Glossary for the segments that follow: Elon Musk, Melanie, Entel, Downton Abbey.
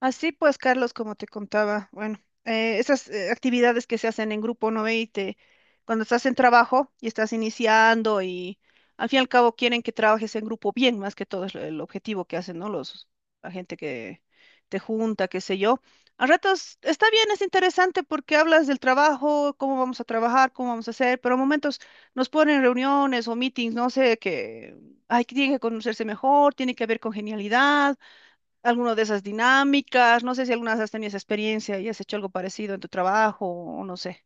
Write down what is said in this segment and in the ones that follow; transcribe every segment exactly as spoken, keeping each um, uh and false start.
Así pues, Carlos, como te contaba, bueno, eh, esas eh, actividades que se hacen en grupo, ¿no ve? Y te, cuando estás en trabajo y estás iniciando y al fin y al cabo quieren que trabajes en grupo bien, más que todo es lo- el objetivo que hacen, ¿no? Los, la gente que te junta, qué sé yo. A ratos está bien, es interesante porque hablas del trabajo, cómo vamos a trabajar, cómo vamos a hacer, pero a momentos nos ponen reuniones o meetings, no sé, que hay que tiene que conocerse mejor, tiene que haber congenialidad alguna de esas dinámicas, no sé si alguna vez has tenido esa experiencia y has hecho algo parecido en tu trabajo o no sé.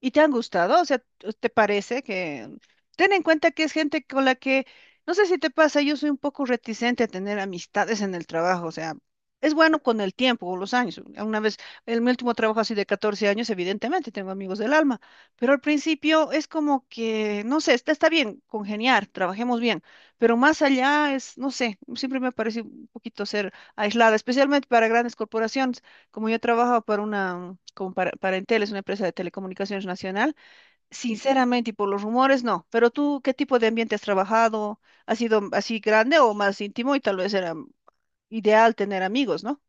¿Y te han gustado? O sea, ¿te parece que... Ten en cuenta que es gente con la que, no sé si te pasa, yo soy un poco reticente a tener amistades en el trabajo, o sea, es bueno con el tiempo, o los años. Una vez, en mi último trabajo así de catorce años, evidentemente tengo amigos del alma, pero al principio es como que, no sé, está, está bien congeniar, trabajemos bien, pero más allá es, no sé, siempre me parece un poquito ser aislada, especialmente para grandes corporaciones. Como yo trabajo para una, como para, para Entel, es una empresa de telecomunicaciones nacional, sinceramente, y por los rumores, no. Pero tú, ¿qué tipo de ambiente has trabajado? ¿Ha sido así grande o más íntimo? Y tal vez era ideal tener amigos, ¿no?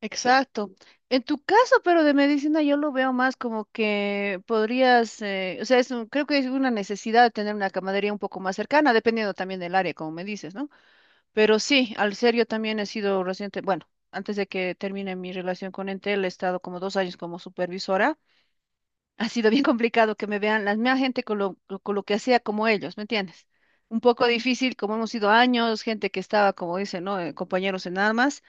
Exacto. En tu caso, pero de medicina, yo lo veo más como que podrías, eh, o sea, es un- creo que es una necesidad de tener una camaradería un poco más cercana, dependiendo también del área, como me dices, ¿no? Pero sí, al ser yo también he sido reciente, bueno, antes de que termine mi relación con Entel, he estado como dos años como supervisora. Ha sido bien complicado que me vean la misma gente con lo, lo- con lo que hacía como ellos, ¿me entiendes? Un poco difícil, como hemos sido años, gente que estaba, como dicen, ¿no? eh, compañeros en armas,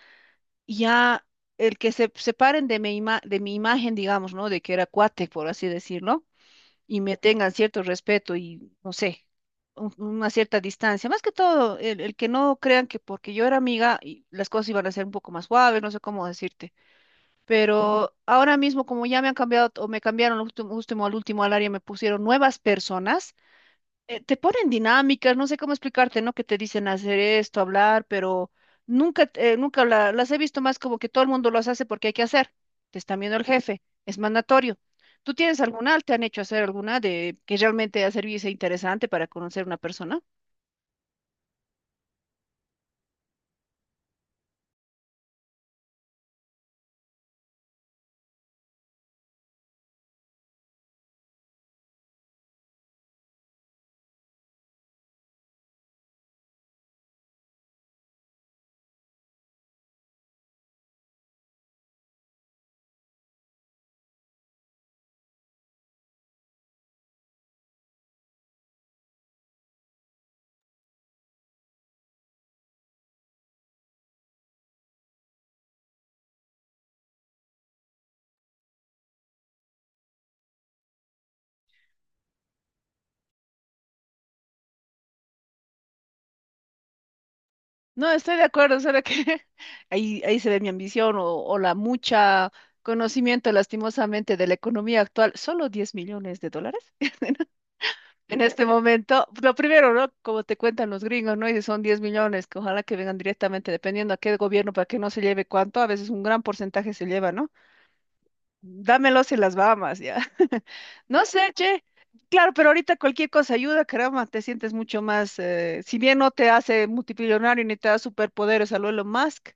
y ya el que se separen de mi, ima- de mi imagen, digamos, ¿no? De que era cuate, por así decirlo y me tengan cierto respeto y, no sé, un- una cierta distancia. Más que todo, el, el que no crean que porque yo era amiga y las cosas iban a ser un poco más suaves, no sé cómo decirte. Pero ahora mismo, como ya me han cambiado o me cambiaron al último, último al último al área, me pusieron nuevas personas eh, te ponen dinámicas, no sé cómo explicarte, ¿no? Que te dicen hacer esto, hablar, pero nunca, eh, nunca la- las he visto más como que todo el mundo los hace porque hay que hacer. Te está viendo el jefe, es mandatorio. ¿Tú tienes alguna? ¿Te han hecho hacer alguna de que realmente ha servido y sea interesante para conocer una persona? No, estoy de acuerdo, solo que ahí, ahí se ve mi ambición o, o la mucha conocimiento, lastimosamente, de la economía actual. ¿Solo diez millones de dólares? En este momento, lo primero, ¿no? Como te cuentan los gringos, ¿no? Y si son diez millones, que ojalá que vengan directamente, dependiendo a qué gobierno, para que no se lleve cuánto, a veces un gran porcentaje se lleva, ¿no? Dámelos y las Bahamas, ya. No sé, che. Claro, pero ahorita cualquier cosa ayuda, caramba, te sientes mucho más, eh, si bien no te hace multimillonario ni te da superpoderes a lo Elon Musk.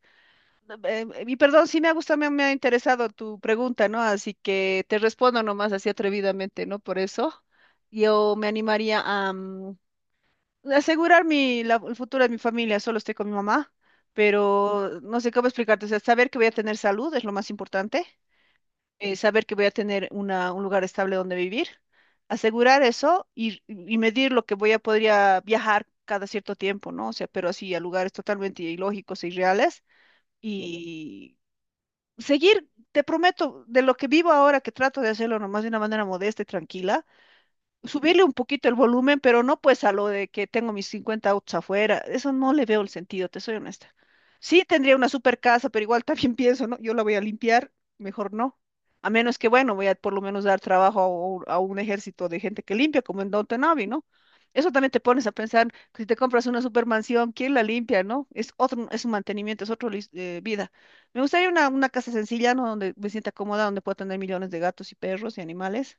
eh, y perdón, sí me ha gustado, me, me ha interesado tu pregunta, ¿no? Así que te respondo nomás así atrevidamente, ¿no? Por eso yo me animaría a, mm, asegurar mi, la- el futuro de mi familia, solo estoy con mi mamá, pero no sé cómo explicarte, o sea, saber que voy a tener salud es lo más importante, eh, saber que voy a tener una, un lugar estable donde vivir, asegurar eso y, y medir lo que voy a podría viajar cada cierto tiempo, ¿no? O sea, pero así a lugares totalmente ilógicos e irreales y seguir, te prometo, de lo que vivo ahora, que trato de hacerlo nomás de una manera modesta y tranquila subirle un poquito el volumen, pero no pues a lo de que tengo mis cincuenta autos afuera. Eso no le veo el sentido, te soy honesta. Sí tendría una super casa, pero igual también pienso, ¿no? Yo la voy a limpiar, mejor no. A menos que, bueno, voy a por lo menos dar trabajo a un, a un, ejército de gente que limpia, como en Downton Abbey, ¿no? Eso también te pones a pensar que si te compras una supermansión, ¿quién la limpia, no? Es otro, es un mantenimiento, es otra vida. Me gustaría una, una casa sencilla, ¿no? Donde me sienta cómoda, donde pueda tener millones de gatos y perros y animales.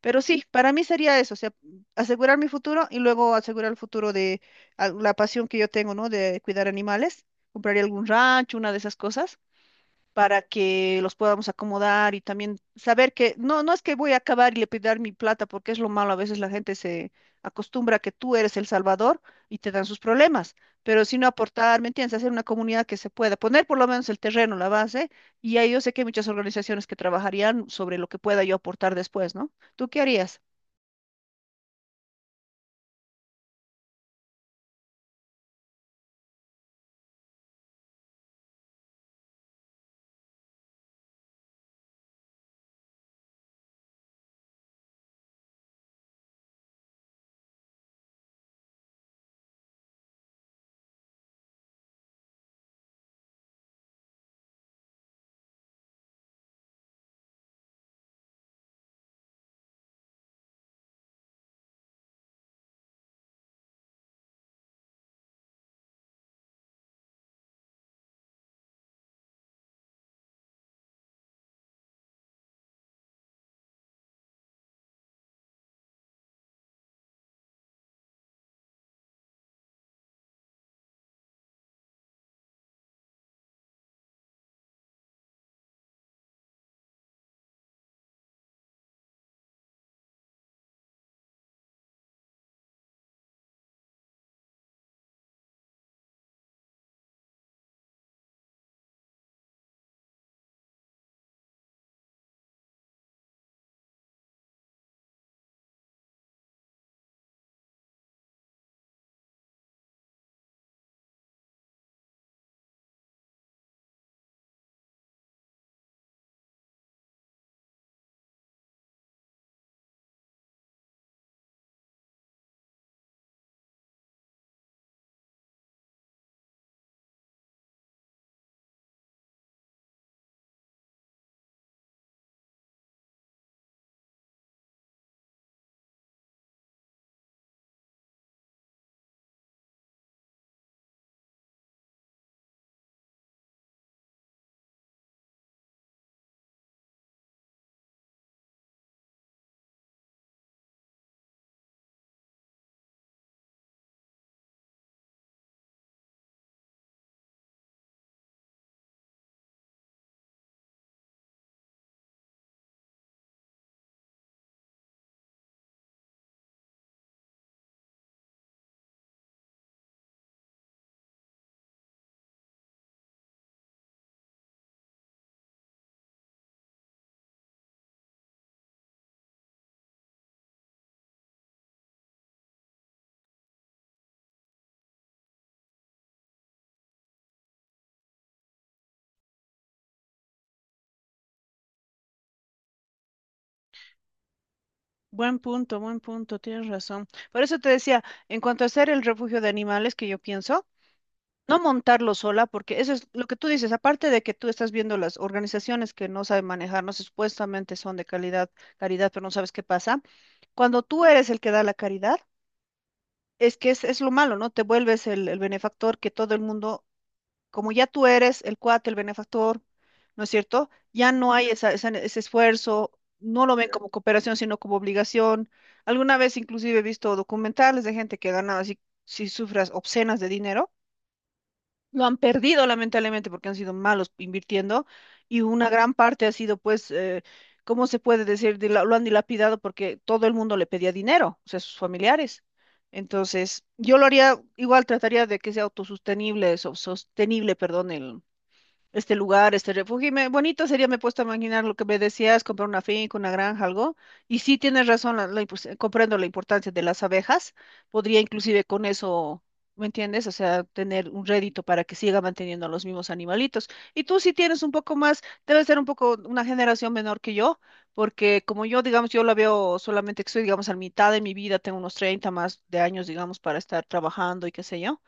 Pero sí, para mí sería eso, o sea, asegurar mi futuro y luego asegurar el futuro de a- la pasión que yo tengo, ¿no? De cuidar animales. Compraría algún rancho, una de esas cosas, para que los podamos acomodar y también saber que no, no es que voy a acabar y le pedir mi plata, porque es lo malo, a veces la gente se acostumbra a que tú eres el salvador y te dan sus problemas, pero si no aportar, ¿me entiendes? Hacer una comunidad que se pueda, poner por lo menos el terreno, la base, y ahí yo sé que hay muchas organizaciones que trabajarían sobre lo que pueda yo aportar después, ¿no? ¿Tú qué harías? Buen punto, buen punto, tienes razón. Por eso te decía, en cuanto a hacer el refugio de animales que yo pienso, no montarlo sola, porque eso es lo que tú dices, aparte de que tú estás viendo las organizaciones que no saben manejar, no sé, supuestamente son de calidad, caridad, pero no sabes qué pasa. Cuando tú eres el que da la caridad, es que es, es lo malo, ¿no? Te vuelves el, el benefactor que todo el mundo como ya tú eres el cuate, el benefactor, ¿no es cierto? Ya no hay esa- esa- ese esfuerzo, no lo ven como cooperación, sino como obligación. Alguna vez inclusive he visto documentales de gente que ha ganado así, si sufras obscenas de dinero. Lo han perdido lamentablemente porque han sido malos invirtiendo y una gran parte ha sido pues, eh, ¿cómo se puede decir? Dila- Lo han dilapidado porque todo el mundo le pedía dinero, o sea, sus familiares. Entonces, yo lo haría, igual trataría de que sea autosostenible, so- sostenible, perdón, el, este lugar, este refugio. Y me- bonito sería, me he puesto a imaginar lo que me decías, comprar una finca, una granja, algo. Y sí tienes razón, la- la impos- eh, comprendo la importancia de las abejas. Podría inclusive con eso, ¿me entiendes? O sea, tener un rédito para que siga manteniendo a los mismos animalitos. Y tú sí tienes un poco más, debe ser un poco una generación menor que yo, porque como yo, digamos, yo la veo solamente que estoy, digamos, a la mitad de mi vida, tengo unos treinta más de años, digamos, para estar trabajando y qué sé yo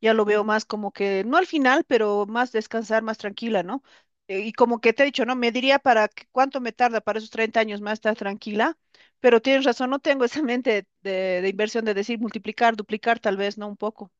ya lo veo más como que, no al final, pero más descansar, más tranquila, ¿no? Eh, Y como que te he dicho, ¿no? Me diría para qué- cuánto me tarda para esos treinta años más estar tranquila, pero tienes razón, no tengo esa mente de, de inversión de decir multiplicar, duplicar tal vez, ¿no? Un poco.